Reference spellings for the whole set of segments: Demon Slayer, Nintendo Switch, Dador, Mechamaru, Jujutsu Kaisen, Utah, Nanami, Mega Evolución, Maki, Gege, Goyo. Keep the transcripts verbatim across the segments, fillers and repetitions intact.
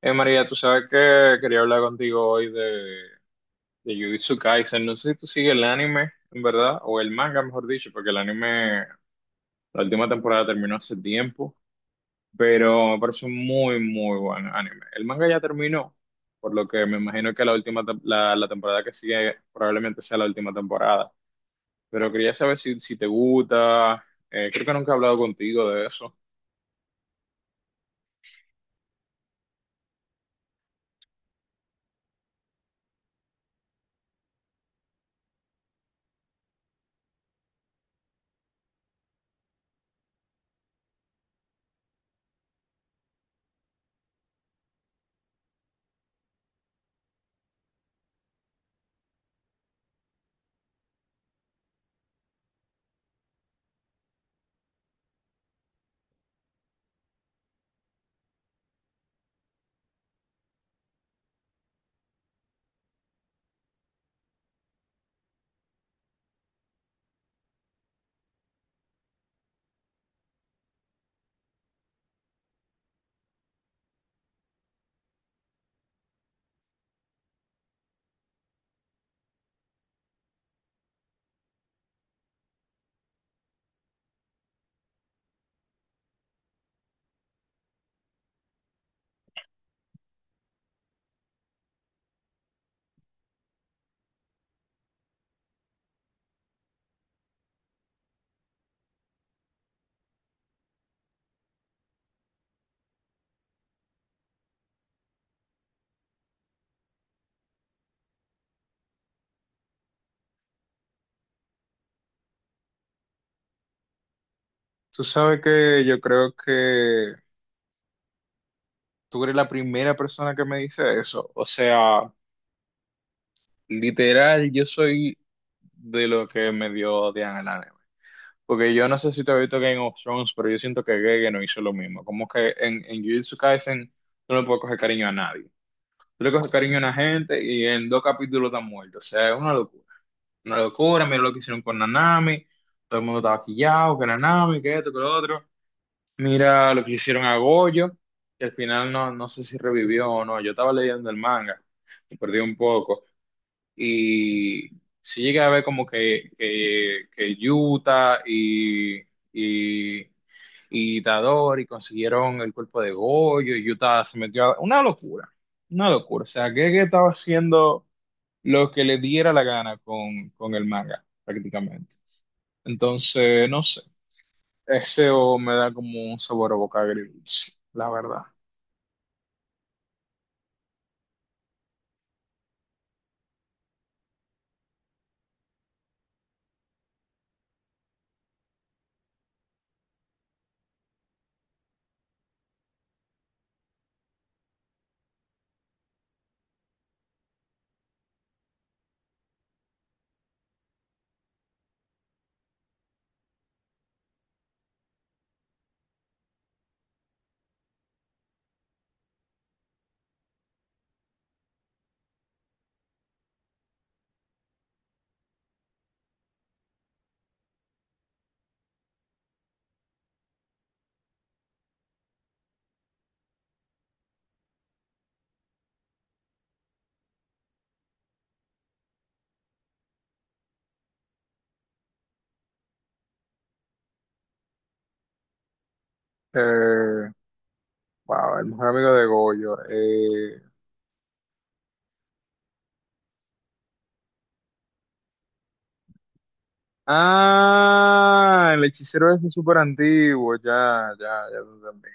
Eh, María, tú sabes que quería hablar contigo hoy de, de Jujutsu Kaisen. No sé si tú sigues el anime, en verdad, o el manga, mejor dicho, porque el anime, la última temporada terminó hace tiempo, pero me parece un muy, muy buen anime. El manga ya terminó, por lo que me imagino que la última, tem- la, la temporada que sigue probablemente sea la última temporada. Pero quería saber si, si te gusta. Eh, creo que nunca he hablado contigo de eso. Tú sabes que yo creo que tú eres la primera persona que me dice eso. O sea. Literal, yo soy de lo que me dio odian el anime. Porque yo no sé si te has visto Game of Thrones, pero yo siento que Gege no hizo lo mismo. Como que en, en Jujutsu Kaisen tú no le puedes coger cariño a nadie. Tú le coges cariño a una gente y en dos capítulos están muertos. O sea, es una locura. Una locura, mira lo que hicieron con Nanami. Todo el mundo estaba quillado, que Nanami, que esto, que lo otro. Mira lo que hicieron a Goyo, que al final no, no sé si revivió o no. Yo estaba leyendo el manga, me perdí un poco y sí llegué a ver como que, que, que Utah y, y, y Dador y consiguieron el cuerpo de Goyo y Utah se metió a... Una locura, una locura. O sea, que que estaba haciendo lo que le diera la gana con, con el manga, prácticamente. Entonces, no sé, ese o me da como un sabor a boca agridulce, la verdad. Eh, wow, el mejor amigo de Goyo. eh, Ah, el hechicero es súper antiguo, ya, ya, ya lo entendí.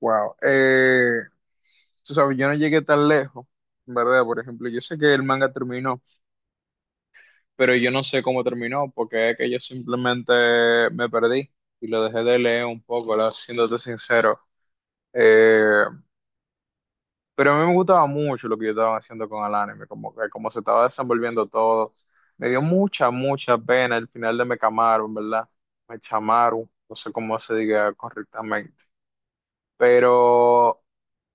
Wow. Eh, tú sabes, yo no llegué tan lejos, ¿verdad? Por ejemplo, yo sé que el manga terminó, pero yo no sé cómo terminó, porque es que yo simplemente me perdí y lo dejé de leer un poco, la- siéndote sincero. Eh, Pero a mí me gustaba mucho lo que yo estaba haciendo con el anime, como que como se estaba desenvolviendo todo. Me dio mucha, mucha pena el final de Mekamaru, en verdad. Mechamaru, no sé cómo se diga correctamente. Pero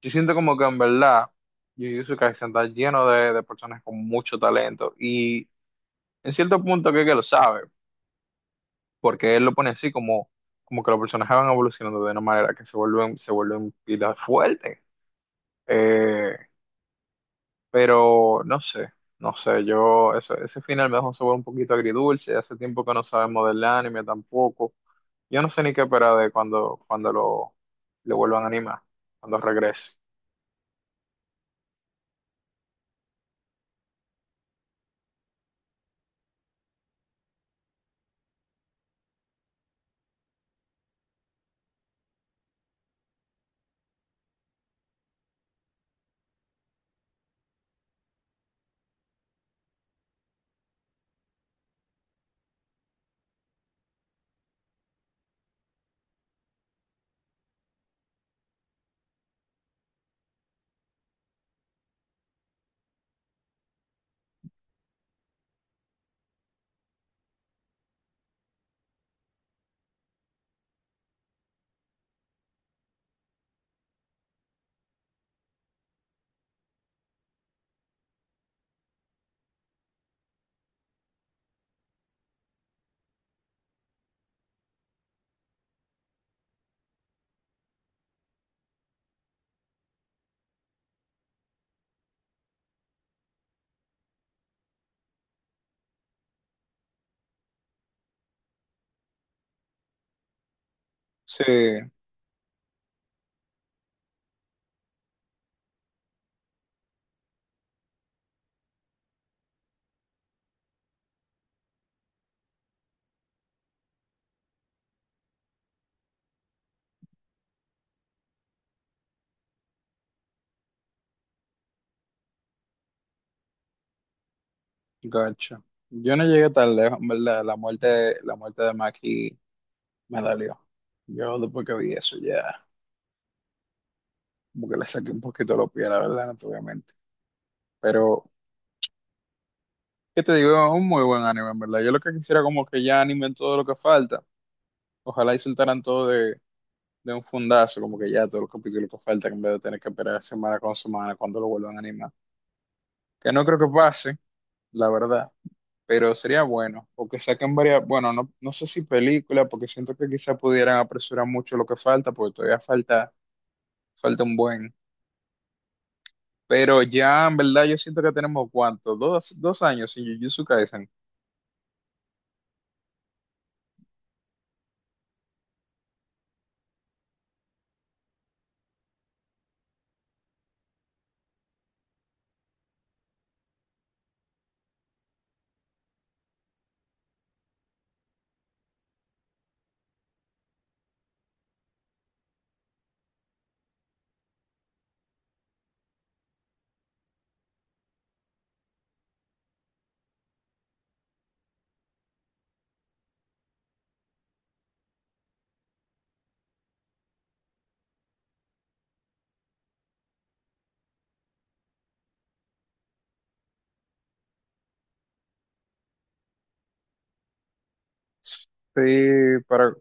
yo siento como que en verdad Jujutsu Kaisen está lleno de, de personas con mucho talento y en cierto punto creo que lo sabe, porque él lo pone así como, como que los personajes van evolucionando de una manera que se vuelven, se vuelven pilas fuertes. Eh, Pero no sé, no sé, yo ese ese final me dejó un sabor un poquito agridulce, hace tiempo que no sabemos del anime tampoco. Yo no sé ni qué esperar de cuando, cuando lo, lo vuelvan a animar, cuando regrese. Sí, gacho. Yo no llegué tan lejos, en verdad. La muerte, la muerte de Maki me dolió. Yo después que vi eso ya, como que le saqué un poquito los pies, la verdad, naturalmente. Pero, ¿qué te digo? Es un muy buen anime, en verdad. Yo lo que quisiera como que ya animen todo lo que falta. Ojalá y soltaran todo de, de un fundazo, como que ya todos los capítulos que faltan, en vez de tener que esperar semana con semana cuando lo vuelvan a animar. Que no creo que pase, la verdad, pero sería bueno, o que saquen varias, bueno, no, no sé si película, porque siento que quizá pudieran apresurar mucho lo que falta, porque todavía falta, falta un buen. Pero ya, en verdad, yo siento que tenemos, ¿cuánto? Dos, dos años sin Jujutsu Kaisen. Sí, para,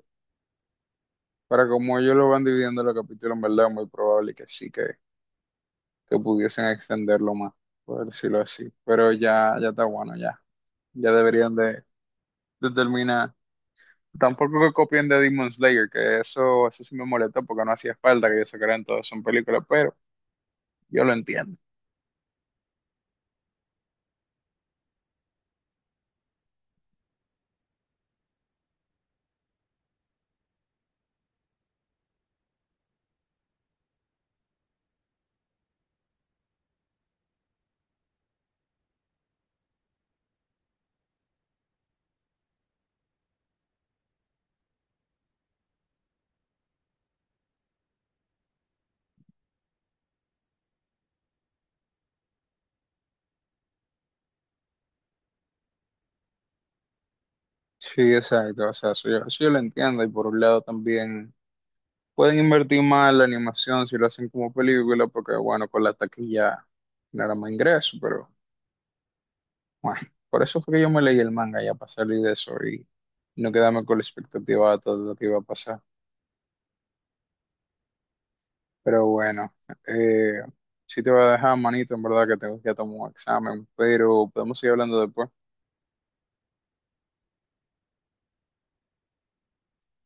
para como ellos lo van dividiendo los capítulos, en verdad, muy probable que sí, que, que pudiesen extenderlo más, por decirlo así. Pero ya, ya está bueno, ya. Ya deberían de, de terminar. Tampoco que copien de Demon Slayer, que eso, eso sí me molesta porque no hacía falta que ellos sacaran todas son películas, pero yo lo entiendo. Sí, exacto, o sea, eso yo, eso yo lo entiendo y por un lado también pueden invertir más en la animación si lo hacen como película porque bueno, con la taquilla generan más ingreso, pero bueno, por eso fue que yo me leí el manga ya para salir de eso y no quedarme con la expectativa de todo lo que iba a pasar. Pero bueno, eh, sí te voy a dejar, manito, en verdad que tengo que ir a tomar un examen, pero podemos seguir hablando después.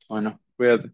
Bueno, cuídate.